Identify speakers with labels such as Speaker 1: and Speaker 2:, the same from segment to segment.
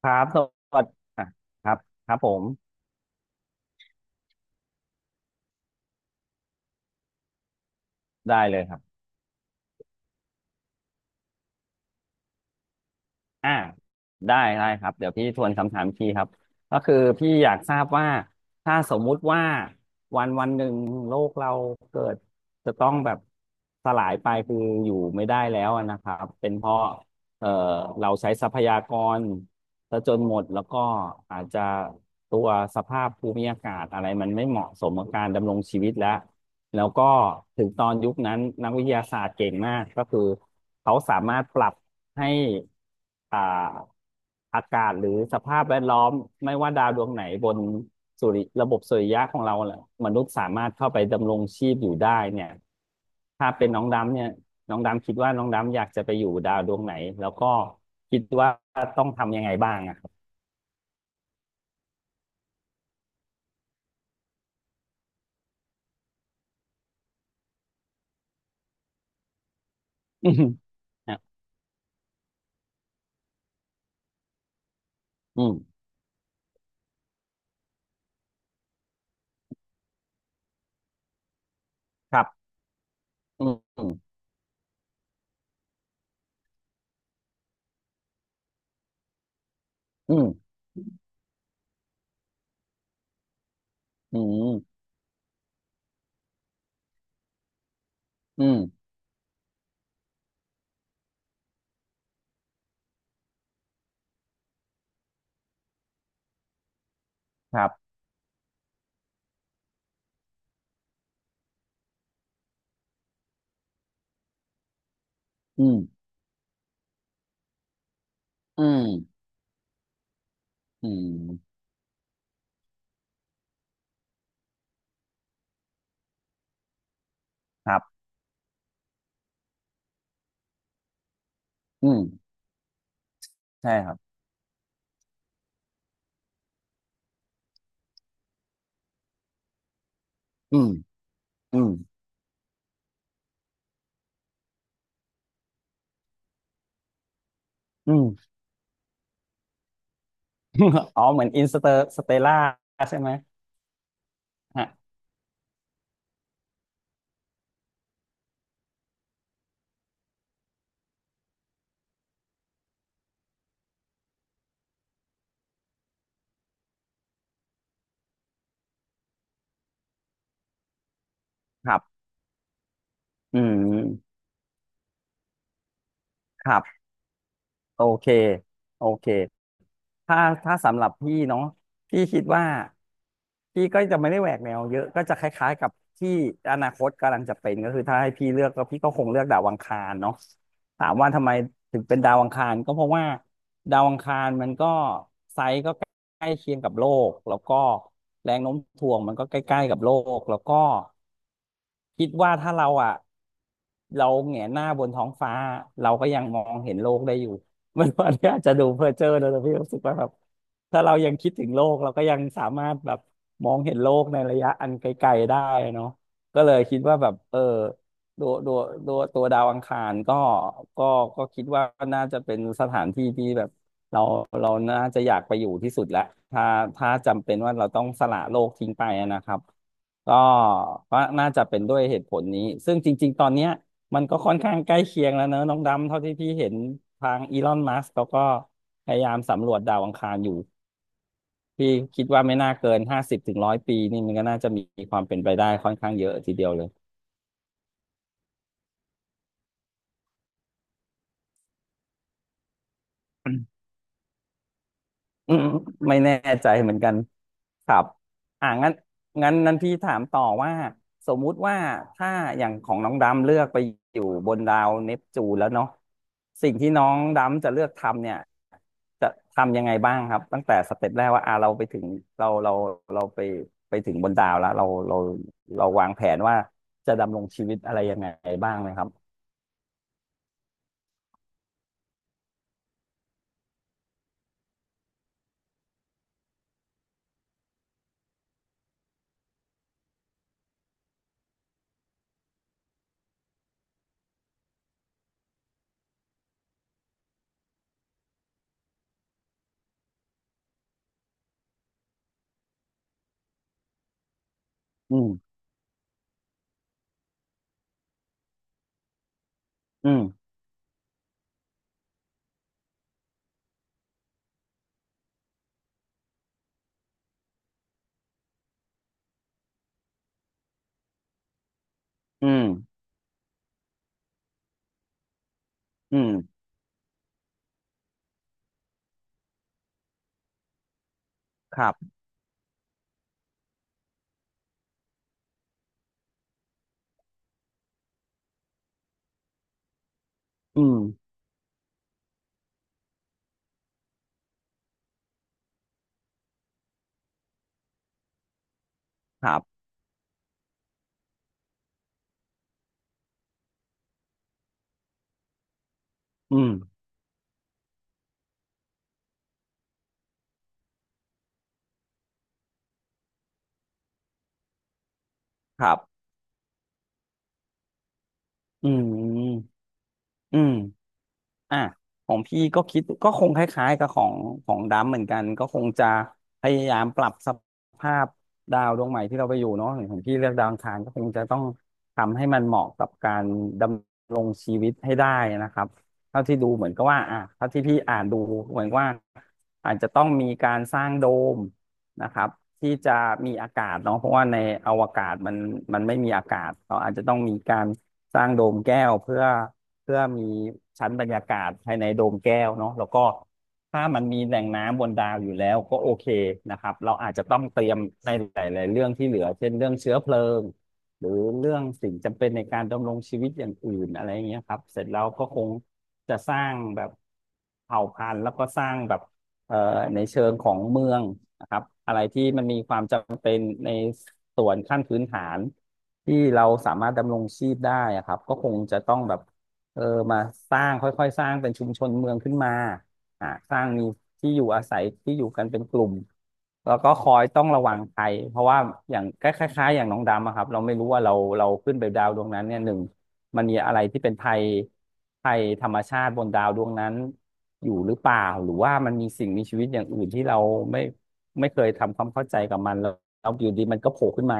Speaker 1: ครับสวัสดีอ่ะครับครับผมได้เลยครับอ่าได้ได้ครับเดี๋ยวพี่ทวนคำถามพี่ครับก็คือพี่อยากทราบว่า ถ้าสมมุติว่าวันวันหนึ่งโลกเราเกิดจะต้องแบบสลายไปคืออยู่ไม่ได้แล้วอะนะครับเป็นเพราะเอ่อเราใช้ทรัพยากรซะจนหมดแล้วก็อาจจะตัวสภาพภูมิอากาศอะไรมันไม่เหมาะสมกับการดำรงชีวิตแล้ว แล้วก็ถึงตอนยุคนั้นนักวิทยาศาสตร์เก่งมากก็คือเขาสามารถปรับให้อ่าอากาศหรือสภาพแวดล้อมไม่ว่าดาวดวงไหนบนสุริระบบสุริยะของเราแหละมนุษย์สามารถเข้าไปดำรงชีพอยู่ได้เนี่ยถ้าเป็นน้องดำเนี่ยน้องดำคิดว่าน้องดำอยากจะไปอยู่ดาวดวงไหนแล้วก็คิดว่าต้องทำยังไงบ้างอะครับ อืมนะอืมครับอืมอืมอืมอืมครับอืมอืม อืมครับอืมใช่ครับอืมอืมอืม อ๋อเหมือนอินสเตอร์สเตล่าใช่ไหมฮะครับอืมครับ โอเค โอเค ถ้าถ้าสำหรับพี่เนาะพี่คิดว่าพี่ก็จะไม่ได้แหวกแนวเยอะก็จะคล้ายๆกับที่อนาคตกำลังจะเป็นก็คือถ้าให้พี่เลือกก็พี่ก็คงเลือกดาวอังคารเนาะถามว่าทำไมถึงเป็นดาวอังคารก็เพราะว่าดาวอังคารมันก็ไซส์ก็ใกล้เคียงกับโลกแล้วก็แรงโน้มถ่วงมันก็ใกล้ๆกับโลกแล้วก็คิดว่าถ้าเราอ่ะเราแหงนหน้าบนท้องฟ้าเราก็ยังมองเห็นโลกได้อยู่ มัน วันนี้อาจจะดูเพ้อเจ้อนะแต่พี่รู้สึกว่าแบบถ้าเรายังคิดถึงโลกเราก็ยังสามารถแบบมองเห็นโลกในระยะอันไกลๆได้เนาะก็เลยคิดว่าแบบเออตัวตัวตัวดาวอังคารก็ก็ก็คิดว่าน่าจะเป็นสถานที่ที่แบบเราเราน่าจะอยากไปอยู่ที่สุดแหละถ้าถ้าจำเป็นว่าเราต้องสละโลกทิ้งไปนะครับก็ก็น่าจะเป็นด้วยเหตุผลนี้ซึ่งจริงๆตอนเนี้ย มันก็ค่อนข้างใกล้เคียงแล้วเนอะน้องดำเท่าที่พี่เห็นทางอีลอนมัสก์เขาก็พยายามสำรวจดาวอังคารอยู่พี่คิดว่าไม่น่าเกิน50 ถึง 100 ปีนี่มันก็น่าจะมีความเป็นไปได้ค่อนข้างเยอะทีเดียวเลย อืมไม่แน่ใจเหมือนกันครับอ่างั้นนั้นพี่ถามต่อว่าสมมุติว่าถ้าอย่างของน้องดำเลือกไปอยู่บนดาวเนปจูนแล้วเนาะสิ่งที่น้องดำจะเลือกทำเนี่ยจะทำยังไงบ้างครับตั้งแต่สเต็ปแรกว่าอ่าเราไปถึงเราเราเราไปถึงบนดาวแล้วเราวางแผนว่าจะดำรงชีวิตอะไรยังไงบ้างไหมครับอืมอืมอืมอืมครับอืมครับอืมครับอืม อืมอ่ะของพี่ก็คิดก็คงคล้ายๆกับของดำเหมือนกันก็คงจะพยายามปรับสภาพดาวดวงใหม่ที่เราไปอยู่เนาะอย่างของพี่เลือกดาวอังคารก็คงจะต้องทำให้มันเหมาะกับการดำรงชีวิตให้ได้นะครับเท่าที่ดูเหมือนก็ว่าอ่ะเท่าที่พี่อ่านดูเหมือนว่าอาจจะต้องมีการสร้างโดมนะครับที่จะมีอากาศเนาะเพราะว่าในอวกาศมันไม่มีอากาศเราอาจจะต้องมีการสร้างโดมแก้วเพื่อมีชั้นบรรยากาศภายในโดมแก้วเนาะแล้วก็ถ้ามันมีแหล่งน้ำบนดาวอยู่แล้วก็โอเคนะครับ เราอาจจะต้องเตรียมในหลายๆเรื่องที่เหลือเช่นเรื่องเชื้อเพลิงหรือเรื่องสิ่งจำเป็นในการดำรงชีวิตอย่างอื่นอะไรอย่างเงี้ยครับเสร็จแล้วก็คงจะสร้างแบบเผ่าพันธุ์แล้วก็สร้างแบบเอ่อในเชิงของเมืองนะครับอะไรที่มันมีความจำเป็นในส่วนขั้นพื้นฐานที่เราสามารถดำรงชีพได้อะครับก็คงจะต้องแบบ เออมาสร้างค่อยๆสร้างเป็นชุมชนเมืองขึ้นมาสร้างมีที่อยู่อาศัยที่อยู่กันเป็นกลุ่มแล้วก็คอยต้องระวังภัยเพราะว่าอย่างคล้ายๆอย่างน้องดำอะครับเราไม่รู้ว่าเราขึ้นไปดาวดวงนั้นเนี่ยหนึ่งมันมีอะไรที่เป็นภัยธรรมชาติบนดาวดวงนั้นอยู่หรือเปล่าหรือว่ามันมีสิ่งมีชีวิตอย่างอื่นที่เราไม่ไม่เคยทำความเข้าใจกับมันแล้วอยู่ดีมันก็โผล่ขึ้นมา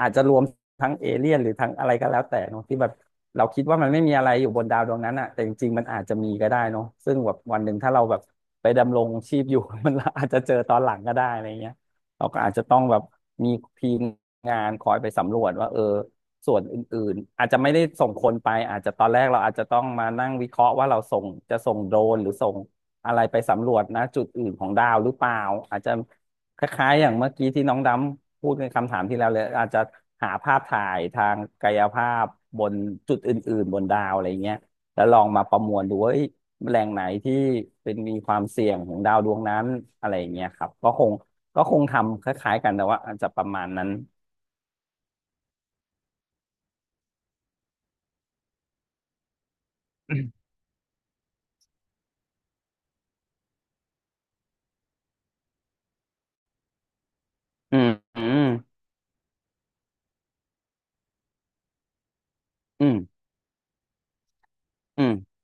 Speaker 1: อาจจะรวมทั้งเอเลี่ยนหรือทั้งอะไรก็แล้วแต่เนอะที่แบบ เราคิดว่ามันไม่มีอะไรอยู่บนดาวดวงนั้นอะแต่จริงๆมันอาจจะมีก็ได้เนาะซึ่งแบบวันหนึ่งถ้าเราแบบไปดำรงชีพอยู่ มันอาจจะเจอตอนหลังก็ได้อะไรเงี้ยเราก็อาจจะต้องแบบมีทีมงานคอยไปสำรวจว่าเออส่วนอื่นๆอาจจะไม่ได้ส่งคนไปอาจจะตอนแรกเราอาจจะต้องมานั่งวิเคราะห์ว่าเราส่งจะส่งโดรนหรือส่งอะไรไปสำรวจนะจุดอื่นของดาวหรือเปล่าอาจจะ คล้ายๆอย่างเมื่อกี้ที่น้องดำพูดในคำถามที่แล้วเลยอาจจะหาภาพถ่ายทางกายภาพบนจุดอื่นๆบนดาวอะไรเงี้ยแล้วลองมาประมวลดูว่าเอ้ยแหล่งไหนที่เป็นมีความเสี่ยงของดาวดวงนั้นอะไรอย่างเงี้ยครับก็คงทำคล้ายๆกันแต่ว่าอาจจะประมาณนั้นอืมอืมอืมอืม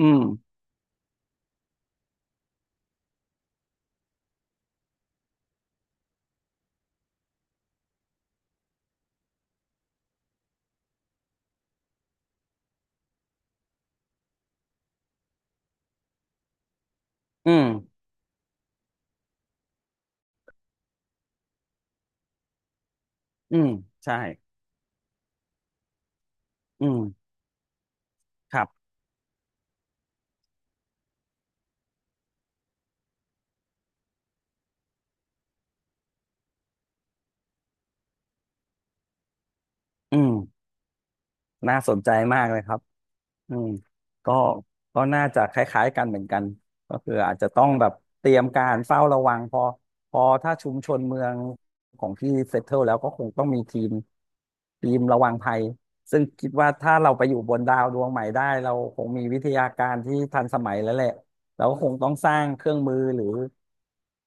Speaker 1: อืมอืมอืมใช่อืมครับอืมน่าสนใจมากเลยครับ อืมก็ก็น่าจะคล้ายๆกันเหมือนกันก็คืออาจจะต้องแบบเตรียมการเฝ้าระวังพอถ้าชุมชนเมืองของที่เซ t ตเทิลแล้วก็คงต้องมีทีมระวังภัยซึ่งคิดว่าถ้าเราไปอยู่บนดาวดวงใหม่ได้เราคงมีวิทยาการที่ทันสมัยแล้วแหละเราก็คงต้องสร้างเครื่องมือหรือ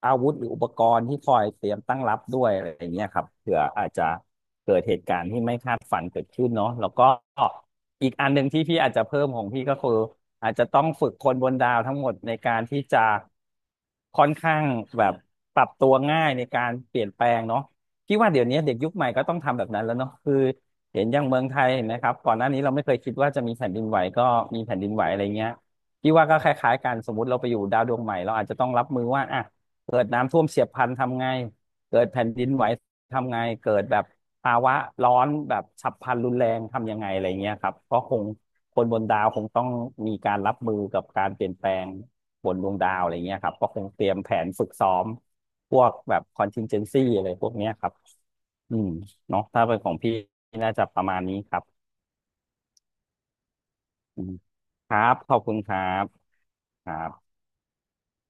Speaker 1: อาวุธหรืออุปกรณ์ที่คอยเตรียมตั้งรับด้วยอะไรอย่างเงี้ยครับเผื่ออาจจะเกิดเหตุการณ์ที่ไม่คาดฝันเกิดขึ้นเนาะแล้วก็ อีกอันหนึ่งที่พี่อาจจะเพิ่มของพี่ก็คืออาจจะต้องฝึกคนบนดาวทั้งหมดในการที่จะค่อนข้างแบบปรับตัวง่ายในการเปลี่ยนแปลงเนาะพี่ว่าเดี๋ยวนี้เด็กยุคใหม่ก็ต้องทำแบบนั้นแล้วเนาะคือเห็นอย่างเมืองไทยเห็นไหมครับก่อนหน้านี้เราไม่เคยคิดว่าจะมีแผ่นดินไหวก็มีแผ่นดินไหวอะไรเงี้ยพี่ว่าก็คล้ายๆกันสมมติเราไปอยู่ดาวดวงใหม่เราอาจจะต้องรับมือว่าอ่ะเกิดน้ำท่วมเฉียบพลันทำไงเกิดแผ่นดินไหว ทำไงเกิดแบบภาวะร้อนแบบฉับพลันรุนแรงทำยังไงอะไรเงี้ยครับก็คงคนบนดาวคงต้องมีการรับมือกับการเปลี่ยนแปลงบนดวงดาวอะไรเงี้ยครับก็คงเตรียมแผนฝึกซ้อมพวกแบบ contingency อะไรพวกเนี้ยครับอืมเนาะถ้าเป็นของพี่น่าจะประมาณนี้ครับอืมครับขอบคุณครับครับ